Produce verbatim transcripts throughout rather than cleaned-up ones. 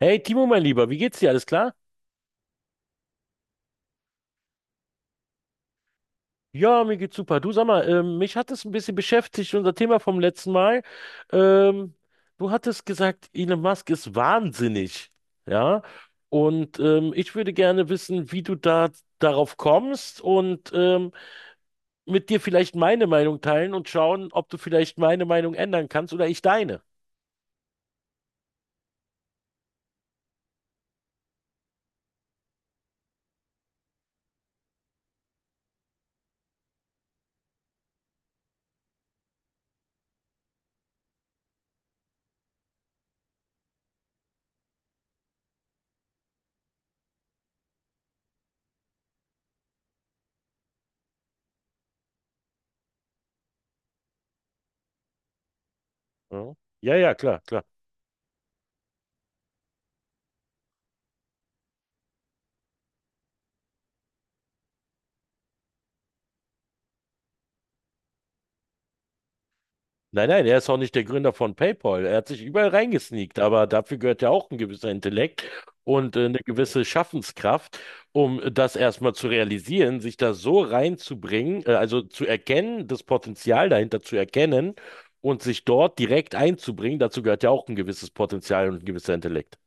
Hey Timo, mein Lieber, wie geht's dir? Alles klar? Ja, mir geht's super. Du sag mal, ähm, mich hat es ein bisschen beschäftigt, unser Thema vom letzten Mal. Ähm, du hattest gesagt, Elon Musk ist wahnsinnig. Ja, und ähm, ich würde gerne wissen, wie du da darauf kommst und ähm, mit dir vielleicht meine Meinung teilen und schauen, ob du vielleicht meine Meinung ändern kannst oder ich deine. Ja, ja, ja, klar, klar. Nein, nein, er ist auch nicht der Gründer von PayPal. Er hat sich überall reingesneakt, aber dafür gehört ja auch ein gewisser Intellekt und äh, eine gewisse Schaffenskraft, um das erstmal zu realisieren, sich da so reinzubringen, äh, also zu erkennen, das Potenzial dahinter zu erkennen und sich dort direkt einzubringen. Dazu gehört ja auch ein gewisses Potenzial und ein gewisser Intellekt.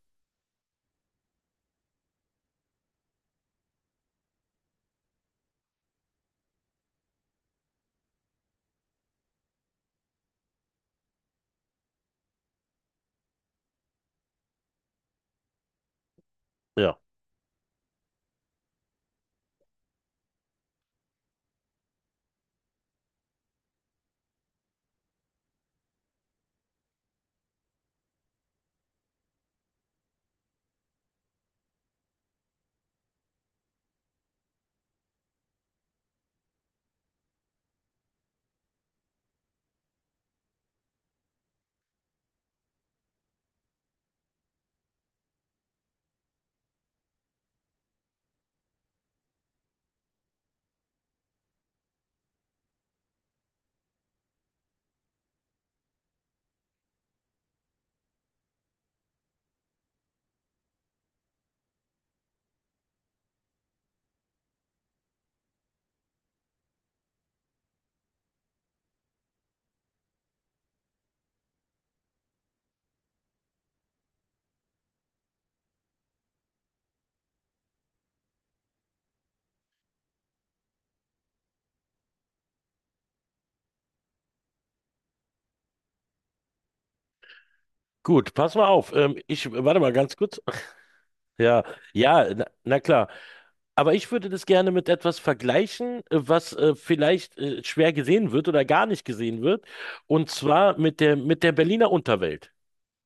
Ja. Gut, pass mal auf. Ähm, ich, warte mal ganz kurz. Ja, ja, na, na klar. Aber ich würde das gerne mit etwas vergleichen, äh, was äh, vielleicht äh, schwer gesehen wird oder gar nicht gesehen wird, und zwar mit der mit der Berliner Unterwelt.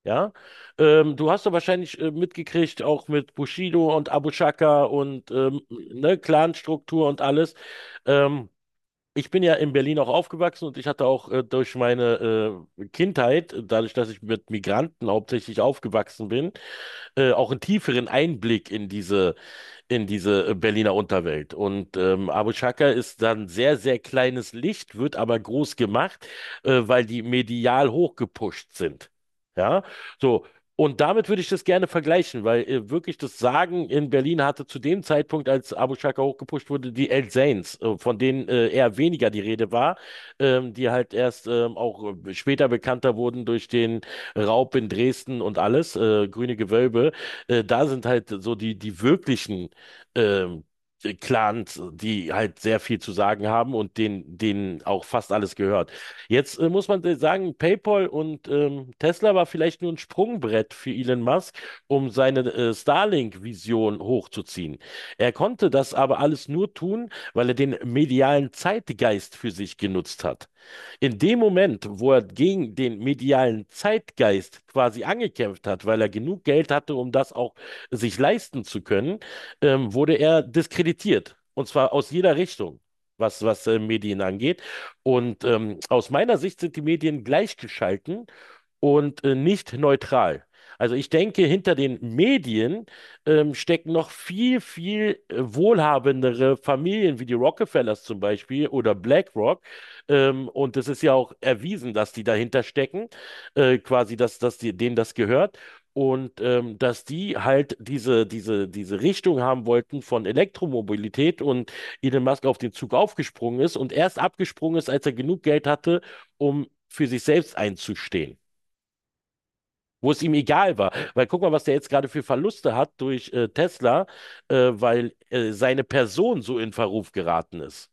Ja, ähm, du hast doch wahrscheinlich äh, mitgekriegt, auch mit Bushido und Abu Shaka und ähm, ne, Clanstruktur und alles. Ähm, ich bin ja in Berlin auch aufgewachsen und ich hatte auch äh, durch meine äh, Kindheit, dadurch, dass ich mit Migranten hauptsächlich aufgewachsen bin, äh, auch einen tieferen Einblick in diese in diese äh, Berliner Unterwelt. Und ähm, Abu Chaka ist dann sehr, sehr kleines Licht, wird aber groß gemacht, äh, weil die medial hochgepusht sind. Ja, so. Und damit würde ich das gerne vergleichen, weil äh, wirklich das Sagen in Berlin hatte zu dem Zeitpunkt, als Abu Shaka hochgepusht wurde, die El Zains, äh, von denen äh, eher weniger die Rede war, ähm, die halt erst ähm, auch äh, später bekannter wurden durch den Raub in Dresden und alles, äh, Grüne Gewölbe. Äh, da sind halt so die, die wirklichen ähm, Clans, die halt sehr viel zu sagen haben und denen, denen auch fast alles gehört. Jetzt äh, muss man sagen, PayPal und ähm, Tesla war vielleicht nur ein Sprungbrett für Elon Musk, um seine äh, Starlink-Vision hochzuziehen. Er konnte das aber alles nur tun, weil er den medialen Zeitgeist für sich genutzt hat. In dem Moment, wo er gegen den medialen Zeitgeist quasi angekämpft hat, weil er genug Geld hatte, um das auch sich leisten zu können, ähm, wurde er diskreditiert. Und zwar aus jeder Richtung, was, was äh, Medien angeht. Und ähm, aus meiner Sicht sind die Medien gleichgeschalten und äh, nicht neutral. Also ich denke, hinter den Medien ähm, stecken noch viel, viel äh, wohlhabendere Familien wie die Rockefellers zum Beispiel oder BlackRock. Ähm, und es ist ja auch erwiesen, dass die dahinter stecken, äh, quasi, dass, dass die, denen das gehört. Und ähm, dass die halt diese, diese, diese Richtung haben wollten von Elektromobilität und Elon Musk auf den Zug aufgesprungen ist und erst abgesprungen ist, als er genug Geld hatte, um für sich selbst einzustehen, wo es ihm egal war. Weil guck mal, was der jetzt gerade für Verluste hat durch äh, Tesla, äh, weil äh, seine Person so in Verruf geraten ist.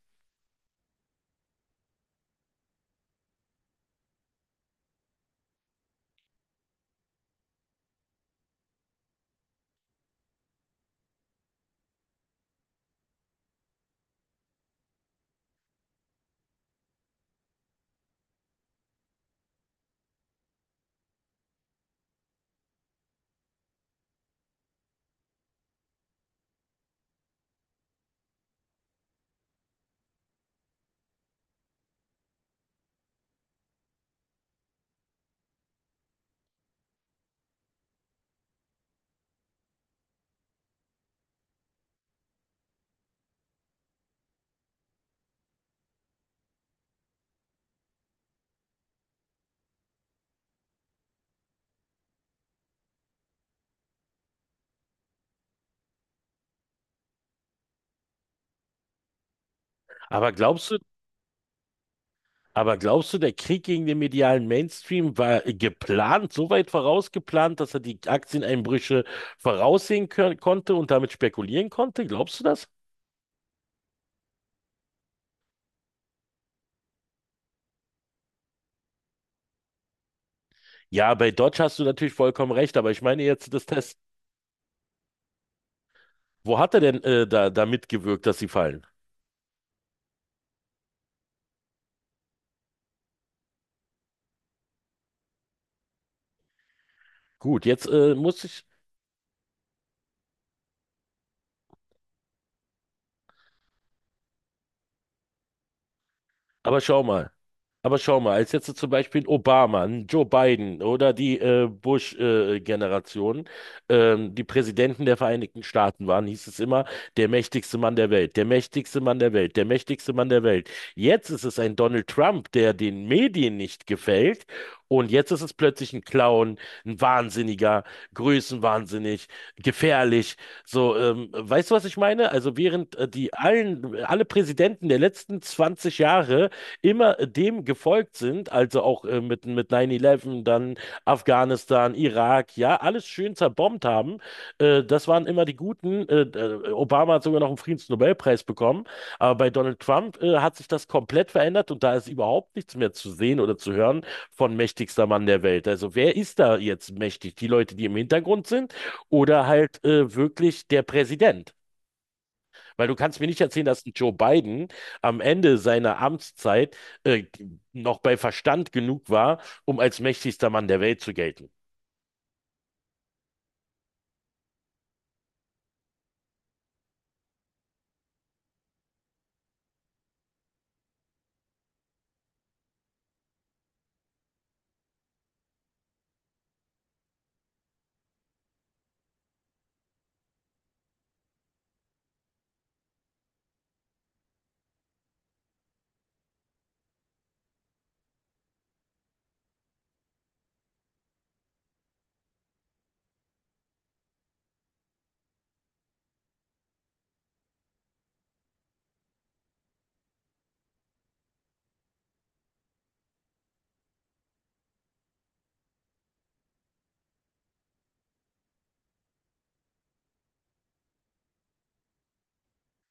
Aber glaubst du, aber glaubst du, der Krieg gegen den medialen Mainstream war äh, geplant, so weit vorausgeplant, dass er die Aktieneinbrüche voraussehen kö- konnte und damit spekulieren konnte? Glaubst du das? Ja, bei Dodge hast du natürlich vollkommen recht, aber ich meine jetzt das. Wo hat er denn äh, da, da mitgewirkt, dass sie fallen? Gut, jetzt äh, muss ich, aber schau mal. Aber schau mal, als jetzt zum Beispiel ein Obama, ein Joe Biden oder die äh, Bush-Generation, ähm, die Präsidenten der Vereinigten Staaten waren, hieß es immer, der mächtigste Mann der Welt, der mächtigste Mann der Welt, der mächtigste Mann der Welt. Jetzt ist es ein Donald Trump, der den Medien nicht gefällt. Und jetzt ist es plötzlich ein Clown, ein Wahnsinniger, größenwahnsinnig, gefährlich. So, ähm, weißt du, was ich meine? Also während äh, die allen, alle Präsidenten der letzten zwanzig Jahre immer äh, dem gefolgt sind, also auch äh, mit, mit neun elf, dann Afghanistan, Irak, ja, alles schön zerbombt haben, äh, das waren immer die Guten. Äh, äh, Obama hat sogar noch einen Friedensnobelpreis bekommen. Aber bei Donald Trump äh, hat sich das komplett verändert und da ist überhaupt nichts mehr zu sehen oder zu hören von mächtigster Mann der Welt. Also wer ist da jetzt mächtig? Die Leute, die im Hintergrund sind oder halt äh, wirklich der Präsident? Weil du kannst mir nicht erzählen, dass ein Joe Biden am Ende seiner Amtszeit äh, noch bei Verstand genug war, um als mächtigster Mann der Welt zu gelten.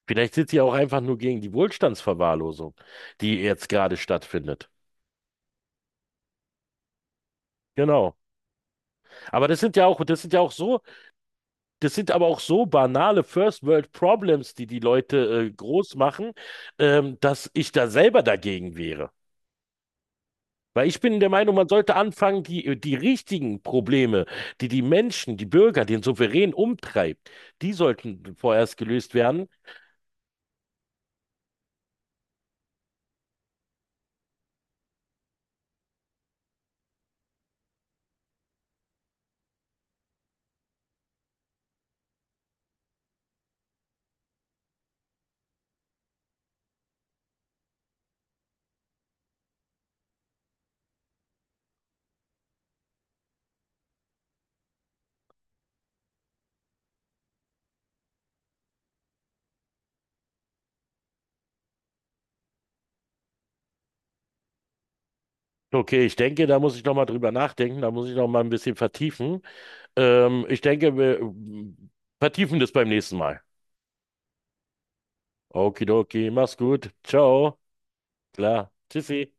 Vielleicht sind sie auch einfach nur gegen die Wohlstandsverwahrlosung, die jetzt gerade stattfindet. Genau. Aber das sind ja auch, das sind ja auch so Das sind aber auch so banale First World Problems, die die Leute äh, groß machen, ähm, dass ich da selber dagegen wäre. Weil ich bin der Meinung, man sollte anfangen, die, äh, die richtigen Probleme, die die Menschen, die Bürger, den Souverän umtreibt, die sollten vorerst gelöst werden. Okay, ich denke, da muss ich noch mal drüber nachdenken, da muss ich noch mal ein bisschen vertiefen. Ähm, ich denke, wir ähm, vertiefen das beim nächsten Mal. Okidoki, mach's gut. Ciao. Klar. Tschüssi.